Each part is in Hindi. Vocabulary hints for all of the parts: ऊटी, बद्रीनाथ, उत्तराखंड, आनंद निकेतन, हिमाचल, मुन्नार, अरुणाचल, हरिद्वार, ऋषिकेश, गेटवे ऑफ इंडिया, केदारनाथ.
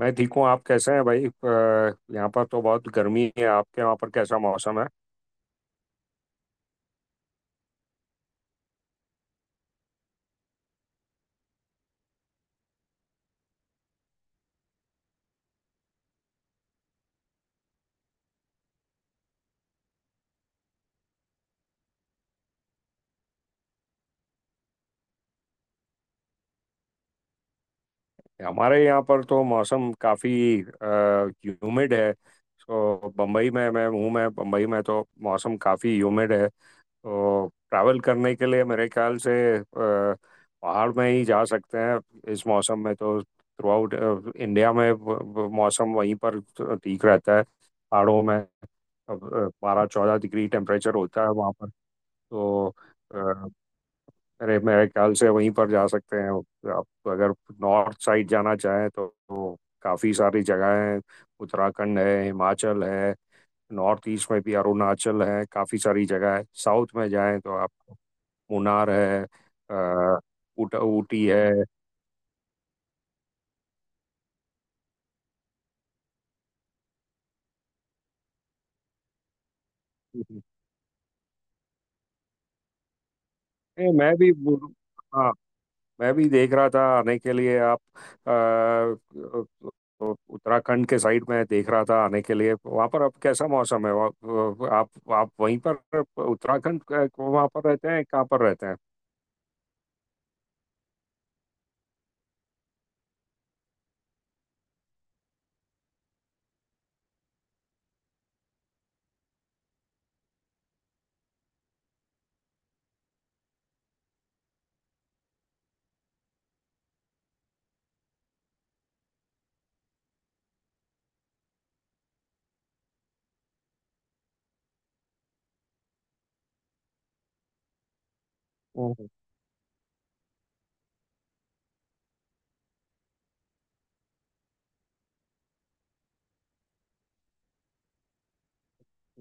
मैं ठीक हूँ। आप कैसे हैं भाई? यहाँ पर तो बहुत गर्मी है। आपके वहाँ पर कैसा मौसम है? हमारे यहाँ पर तो मौसम काफ़ी ह्यूमिड है। तो बम्बई में मैं हूँ, मैं बम्बई में तो मौसम काफ़ी ह्यूमिड है। तो ट्रैवल करने के लिए मेरे ख्याल से पहाड़ में ही जा सकते हैं। इस मौसम में तो थ्रू आउट इंडिया में मौसम वहीं पर ठीक रहता है, पहाड़ों में। 12-14 डिग्री टेम्परेचर होता है वहाँ पर। तो अरे, मेरे ख्याल से वहीं पर जा सकते हैं। आप अगर नॉर्थ साइड जाना चाहें तो काफ़ी सारी जगह हैं। उत्तराखंड है, हिमाचल है। नॉर्थ ईस्ट में भी अरुणाचल है, काफ़ी सारी जगह है। साउथ में जाएं तो आप, मुन्नार है, अ, ऊटी है। ये मैं भी, हाँ, मैं भी देख रहा था आने के लिए। आप अ, तो उत्तराखंड के साइड में देख रहा था आने के लिए। वहाँ पर अब कैसा मौसम है? आप वहीं पर उत्तराखंड के, वहाँ पर रहते हैं? कहाँ पर रहते हैं?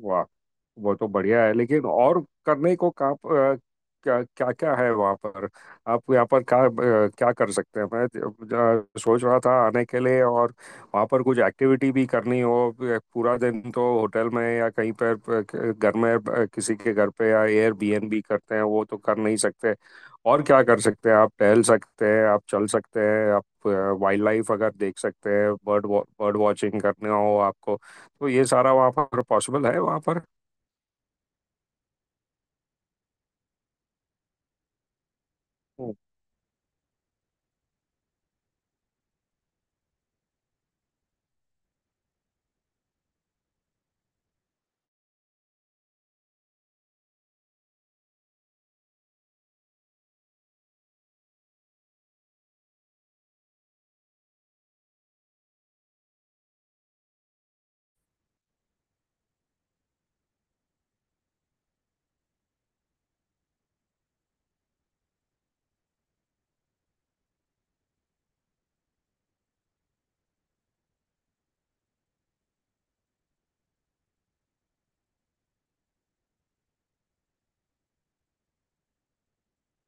वाह! वो तो बढ़िया है, लेकिन और करने को का, क्या क्या क्या है वहाँ पर? आप यहाँ पर क्या कर सकते हैं? मैं सोच रहा था आने के लिए, और वहाँ पर कुछ एक्टिविटी भी करनी हो। पूरा दिन तो होटल में या कहीं पर घर में, किसी के घर पे या एयरबीएनबी करते हैं वो तो कर नहीं सकते। और क्या कर सकते हैं? आप टहल सकते हैं, आप चल सकते हैं, आप वाइल्ड लाइफ अगर देख सकते हैं, बर्ड बर्ड वॉचिंग करने हो आपको। तो ये सारा वहाँ पर पॉसिबल है वहाँ पर? हाँ,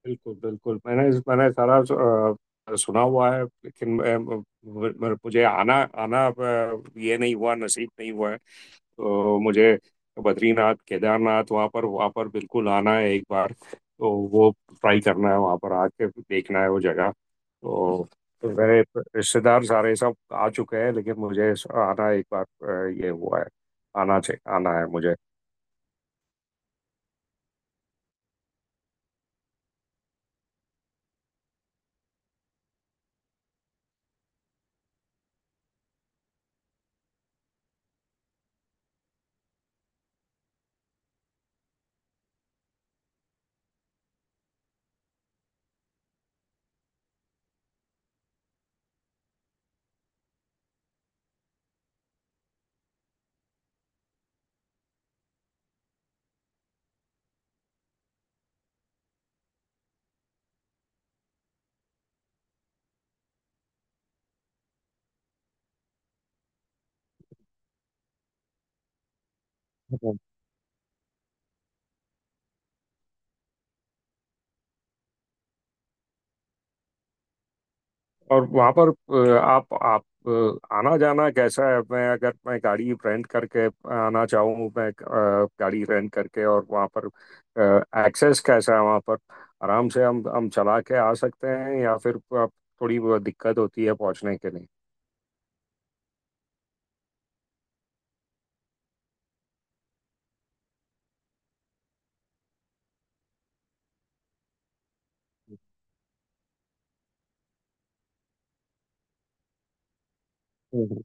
बिल्कुल बिल्कुल। मैंने मैंने सारा सुना हुआ है, लेकिन मुझे आना, ये नहीं हुआ, नसीब नहीं हुआ है। तो मुझे बद्रीनाथ केदारनाथ, वहाँ पर बिल्कुल आना है। एक बार तो वो ट्राई करना है, वहाँ पर आके देखना है वो जगह तो। मेरे रिश्तेदार सारे सब आ चुके हैं, लेकिन मुझे आना एक बार ये हुआ है। आना चाहिए, आना है मुझे। और वहाँ पर आना जाना कैसा है? मैं अगर मैं गाड़ी रेंट करके आना चाहूँ, मैं गाड़ी रेंट करके, और वहाँ पर एक्सेस कैसा है वहाँ पर? आराम से हम चला के आ सकते हैं, या फिर आप थोड़ी वो दिक्कत होती है पहुँचने के लिए?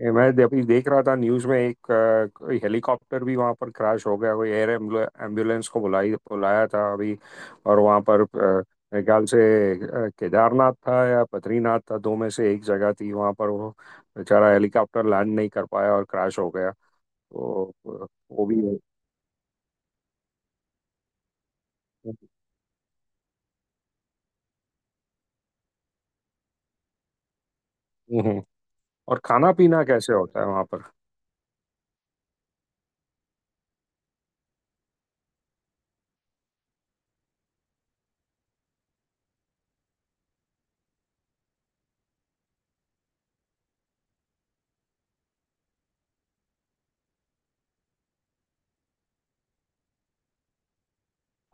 ये अभी देख रहा था न्यूज में। एक कोई हेलीकॉप्टर भी वहां पर क्रैश हो गया। कोई एयर एम्बुलेंस को बुलाई बुलाया था अभी। और वहां पर मेरे ख्याल से केदारनाथ था या बद्रीनाथ था, दो में से एक जगह थी वहां पर। वो बेचारा हेलीकॉप्टर लैंड नहीं कर पाया और क्रैश हो गया। तो अ, वो भी है। हम्म, हम्म। और खाना पीना कैसे होता है वहां पर?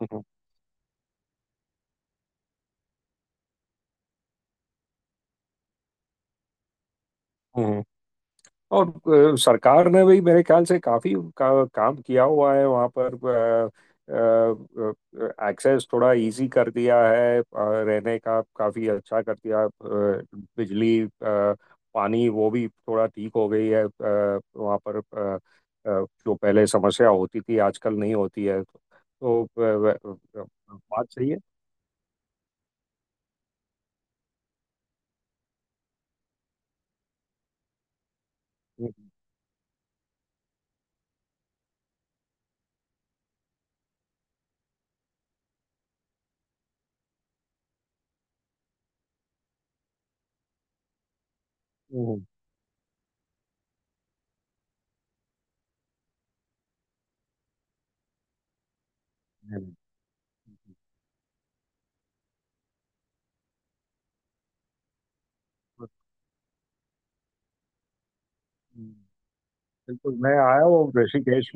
हम्म, हम्म। हम्म। और सरकार ने भी मेरे ख्याल से काफी उनका काम किया हुआ है वहाँ पर। एक्सेस थोड़ा इजी कर दिया है, रहने का काफी अच्छा कर दिया। बिजली पानी वो भी थोड़ा ठीक हो गई है। वहाँ पर जो पहले समस्या होती थी आजकल नहीं होती है अ, बात सही है। हम्म, हम्म, हम्म, हम्म, हम्म, हम्म। बिल्कुल, मैं आया हूँ ऋषिकेश।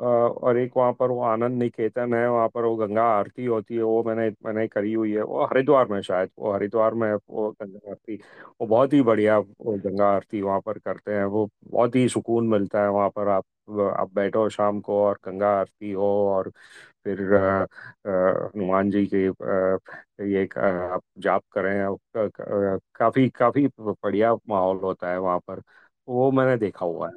और एक वहाँ पर वो आनंद निकेतन है, वहाँ पर वो गंगा आरती होती है। वो मैंने मैंने करी हुई है। वो हरिद्वार में शायद, वो हरिद्वार में है, वो गंगा आरती। वो बहुत ही बढ़िया, वो गंगा आरती वहाँ पर करते हैं। वो बहुत ही सुकून मिलता है वहाँ पर। आप बैठो शाम को और गंगा आरती हो। और फिर हनुमान जी के, आप जाप करें, काफी काफी बढ़िया माहौल होता है वहाँ पर। वो मैंने देखा हुआ है।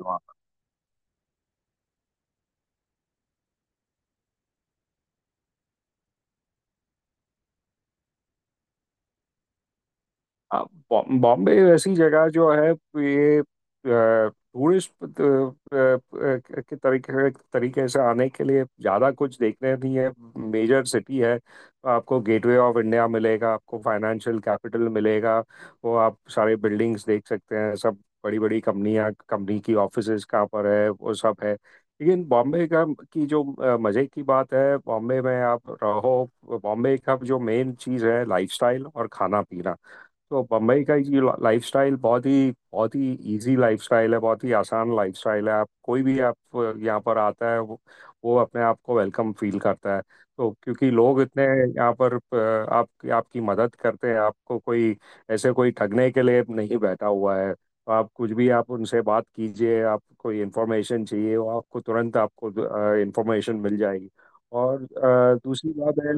हाँ, बॉम्बे ऐसी जगह जो है ये, टूरिस्ट के तरीके तरीके से आने के लिए ज़्यादा कुछ देखने नहीं है। मेजर सिटी है, तो आपको गेटवे ऑफ इंडिया मिलेगा, आपको फाइनेंशियल कैपिटल मिलेगा, वो आप सारे बिल्डिंग्स देख सकते हैं सब। बड़ी बड़ी कंपनियां कंपनी की ऑफिसेज कहाँ पर है, वो सब है। लेकिन बॉम्बे का की जो मज़े की बात है, बॉम्बे में आप रहो, बॉम्बे का जो मेन चीज़ है लाइफस्टाइल और खाना पीना। तो बम्बई का ये लाइफस्टाइल बहुत ही इजी लाइफस्टाइल है, बहुत ही आसान लाइफस्टाइल है। आप कोई भी आप यहाँ पर आता है वो, अपने आप को वेलकम फील करता है। तो क्योंकि लोग इतने यहाँ पर, अ, आप आपकी मदद करते हैं। आपको कोई ऐसे कोई ठगने के लिए नहीं बैठा हुआ है, तो आप कुछ भी आप उनसे बात कीजिए। आप कोई इन्फॉर्मेशन चाहिए वो आपको तुरंत आपको इन्फॉर्मेशन मिल जाएगी। और दूसरी बात है,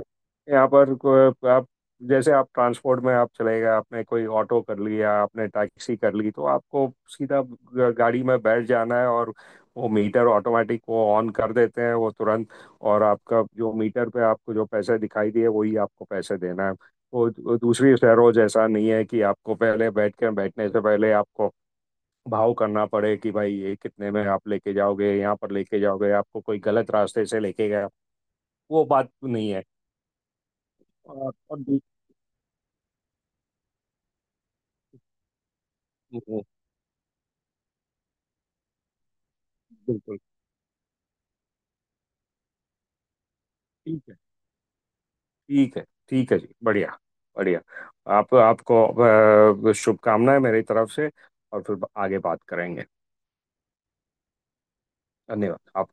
यहाँ पर आप, जैसे आप ट्रांसपोर्ट में आप चले गए, आपने कोई ऑटो कर लिया, आपने टैक्सी कर ली, तो आपको सीधा गाड़ी में बैठ जाना है, और वो मीटर ऑटोमेटिक वो ऑन कर देते हैं वो तुरंत। और आपका जो मीटर पे आपको जो पैसे दिखाई दिए वही आपको पैसे देना है। वो दूसरी शहरों जैसा नहीं है कि आपको पहले बैठ के बैठने से पहले आपको भाव करना पड़े कि भाई ये कितने में आप लेके जाओगे, यहाँ पर लेके जाओगे, आपको कोई गलत रास्ते से लेके गया। वो बात नहीं है। और बिल्कुल। ठीक है, ठीक है जी। बढ़िया, बढ़िया। आप आपको शुभकामनाएं मेरी तरफ से। और फिर आगे बात करेंगे। धन्यवाद आपको।